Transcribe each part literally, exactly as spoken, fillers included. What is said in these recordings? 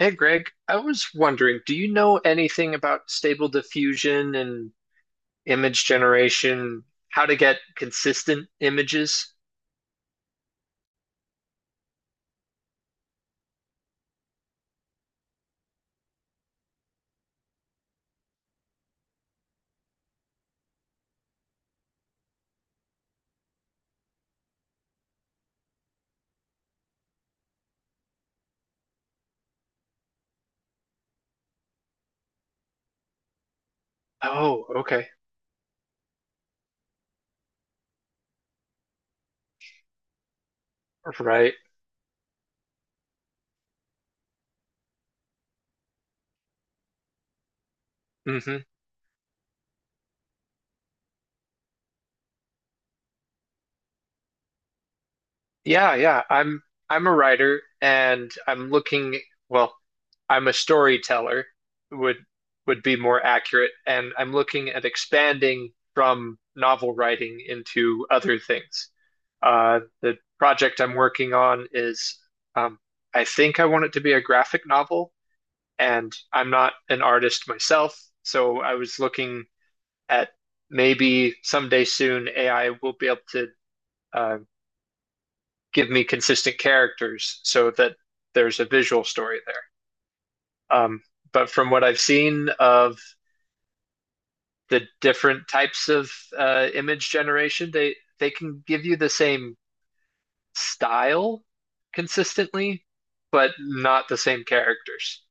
Hey Greg, I was wondering, do you know anything about stable diffusion and image generation? How to get consistent images? Oh, okay. Right. hmm Yeah, yeah. I'm I'm a writer and I'm looking, well, I'm a storyteller would would be more accurate, and I'm looking at expanding from novel writing into other things. Uh, the project I'm working on is, um, I think I want it to be a graphic novel, and I'm not an artist myself, so I was looking at maybe someday soon A I will be able to uh, give me consistent characters so that there's a visual story there. Um, but from what I've seen of the different types of uh, image generation, they they can give you the same style consistently, but not the same characters.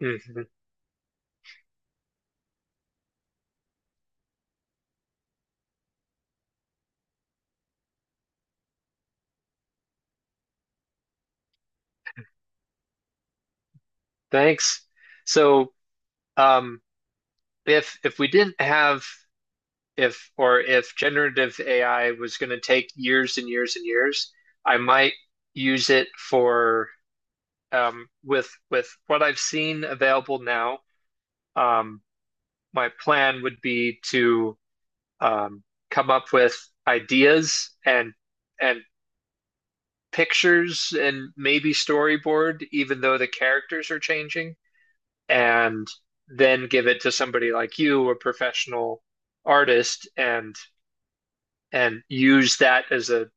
Mhm. Thanks. So, um, if if we didn't have if or if generative A I was going to take years and years and years, I might use it for, um, with with what I've seen available now. Um, my plan would be to, um, come up with ideas and and pictures and maybe storyboard, even though the characters are changing, and then give it to somebody like you, a professional artist, and and use that as a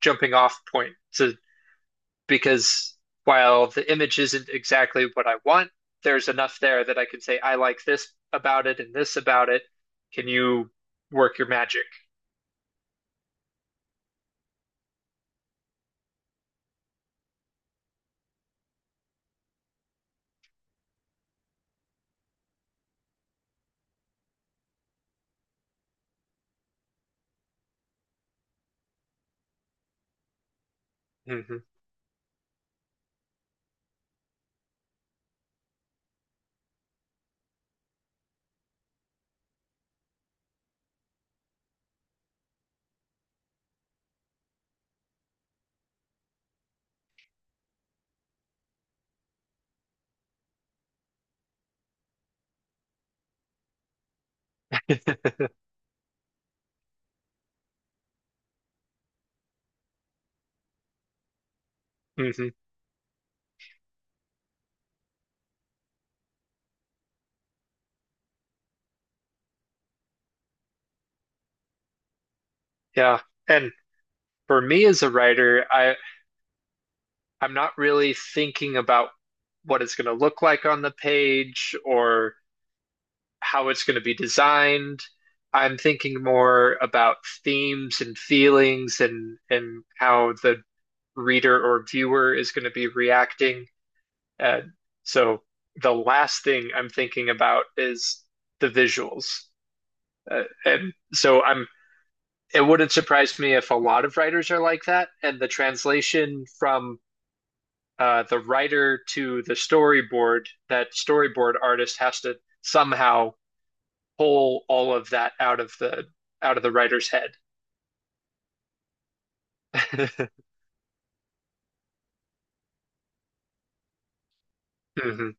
jumping off point to because while the image isn't exactly what I want, there's enough there that I can say, I like this about it and this about it. Can you work your magic? Hmm hmm Yeah. And for me as a writer, I, I'm not really thinking about what it's going to look like on the page or how it's going to be designed. I'm thinking more about themes and feelings and and how the reader or viewer is going to be reacting. Uh, so the last thing I'm thinking about is the visuals. Uh, and so I'm it wouldn't surprise me if a lot of writers are like that, and the translation from uh, the writer to the storyboard, that storyboard artist has to somehow pull all of that out of the out of the writer's head. Mhm.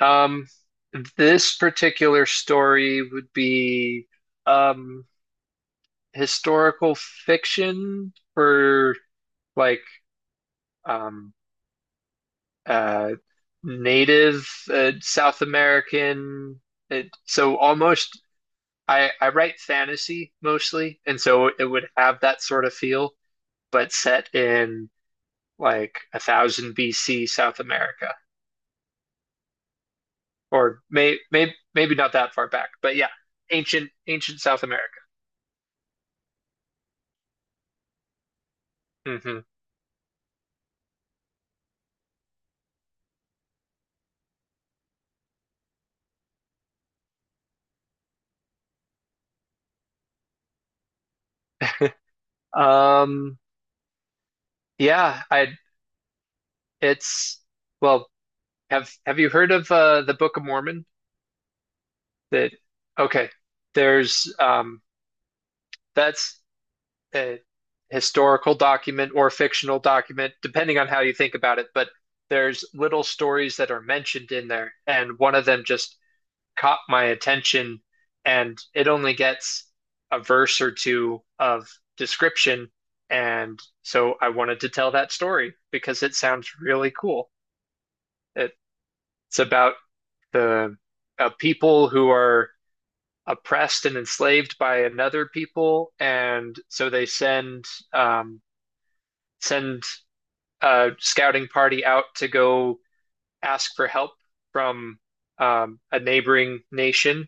Um, this particular story would be, um, historical fiction for like, um, uh, native uh, South American. It, so almost I, I write fantasy mostly, and so it would have that sort of feel, but set in like a thousand B C South America. Or may, may maybe not that far back, but yeah, ancient ancient South America. Mm-hmm. um, yeah, I it's, well, have have you heard of uh, the Book of Mormon? That, okay, there's um, that's a historical document or fictional document, depending on how you think about it, but there's little stories that are mentioned in there, and one of them just caught my attention and it only gets a verse or two of description and so I wanted to tell that story because it sounds really cool. It's about the a people who are oppressed and enslaved by another people, and so they send, um, send a scouting party out to go ask for help from, um, a neighboring nation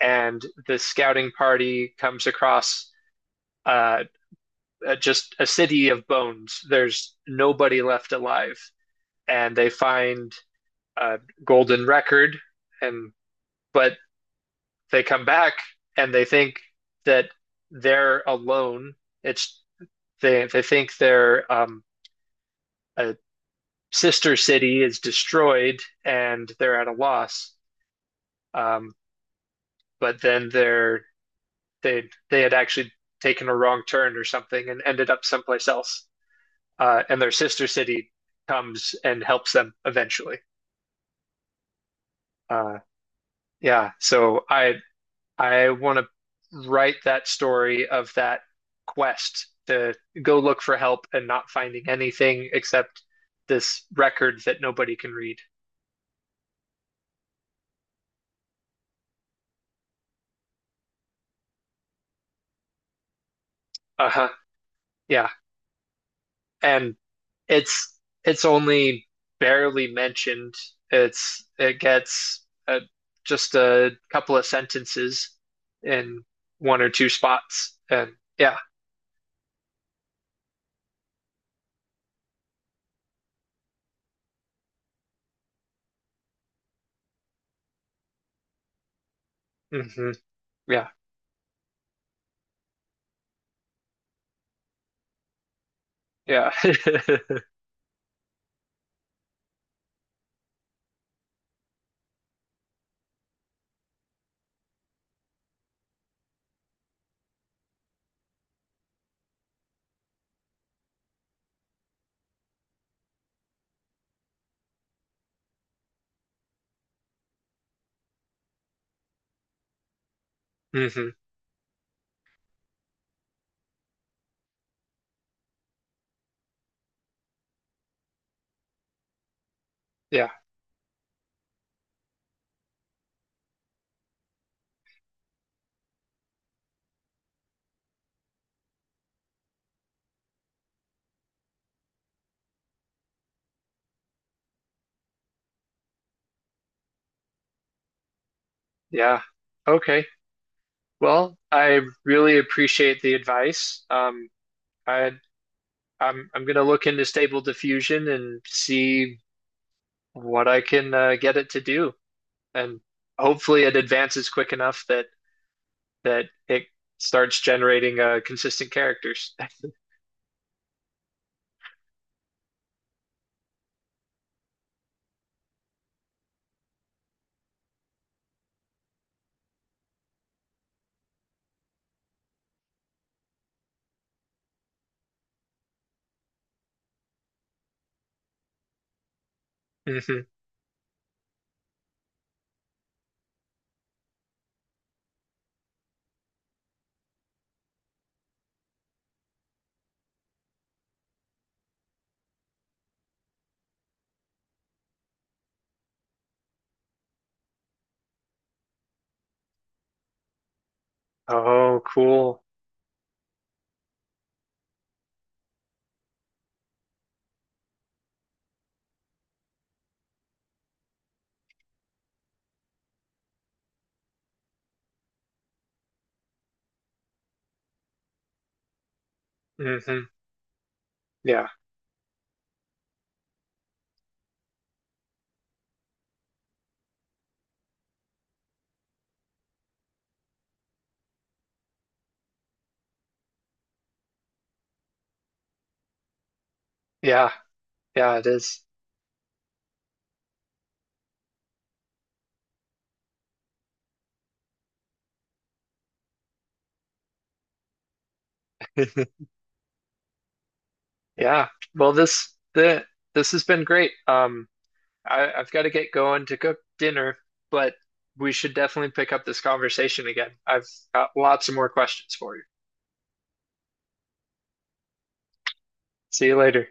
and the scouting party comes across uh, uh, just a city of bones. There's nobody left alive, and they find a golden record, and but they come back and they think that they're alone. It's they they think their, um, a sister city is destroyed and they're at a loss. Um, but then they're they they had actually taken a wrong turn or something and ended up someplace else. uh, and their sister city comes and helps them eventually. Uh, yeah, so I I want to write that story of that quest to go look for help and not finding anything except this record that nobody can read. Uh-huh. Yeah. And it's it's only barely mentioned. It's it gets uh just a couple of sentences in one or two spots and yeah. hmm Yeah, yeah. hmm Yeah, yeah. Okay. Well, I really appreciate the advice. Um, I I'm I'm gonna look into Stable Diffusion and see what I can uh, get it to do, and hopefully it advances quick enough that that it starts generating uh, consistent characters. hmm Oh, cool. hmm Yeah, yeah, yeah. It is. Yeah. Well, this the this has been great. Um. I, I've got to get going to cook dinner, but we should definitely pick up this conversation again. I've got lots of more questions for you. See you later.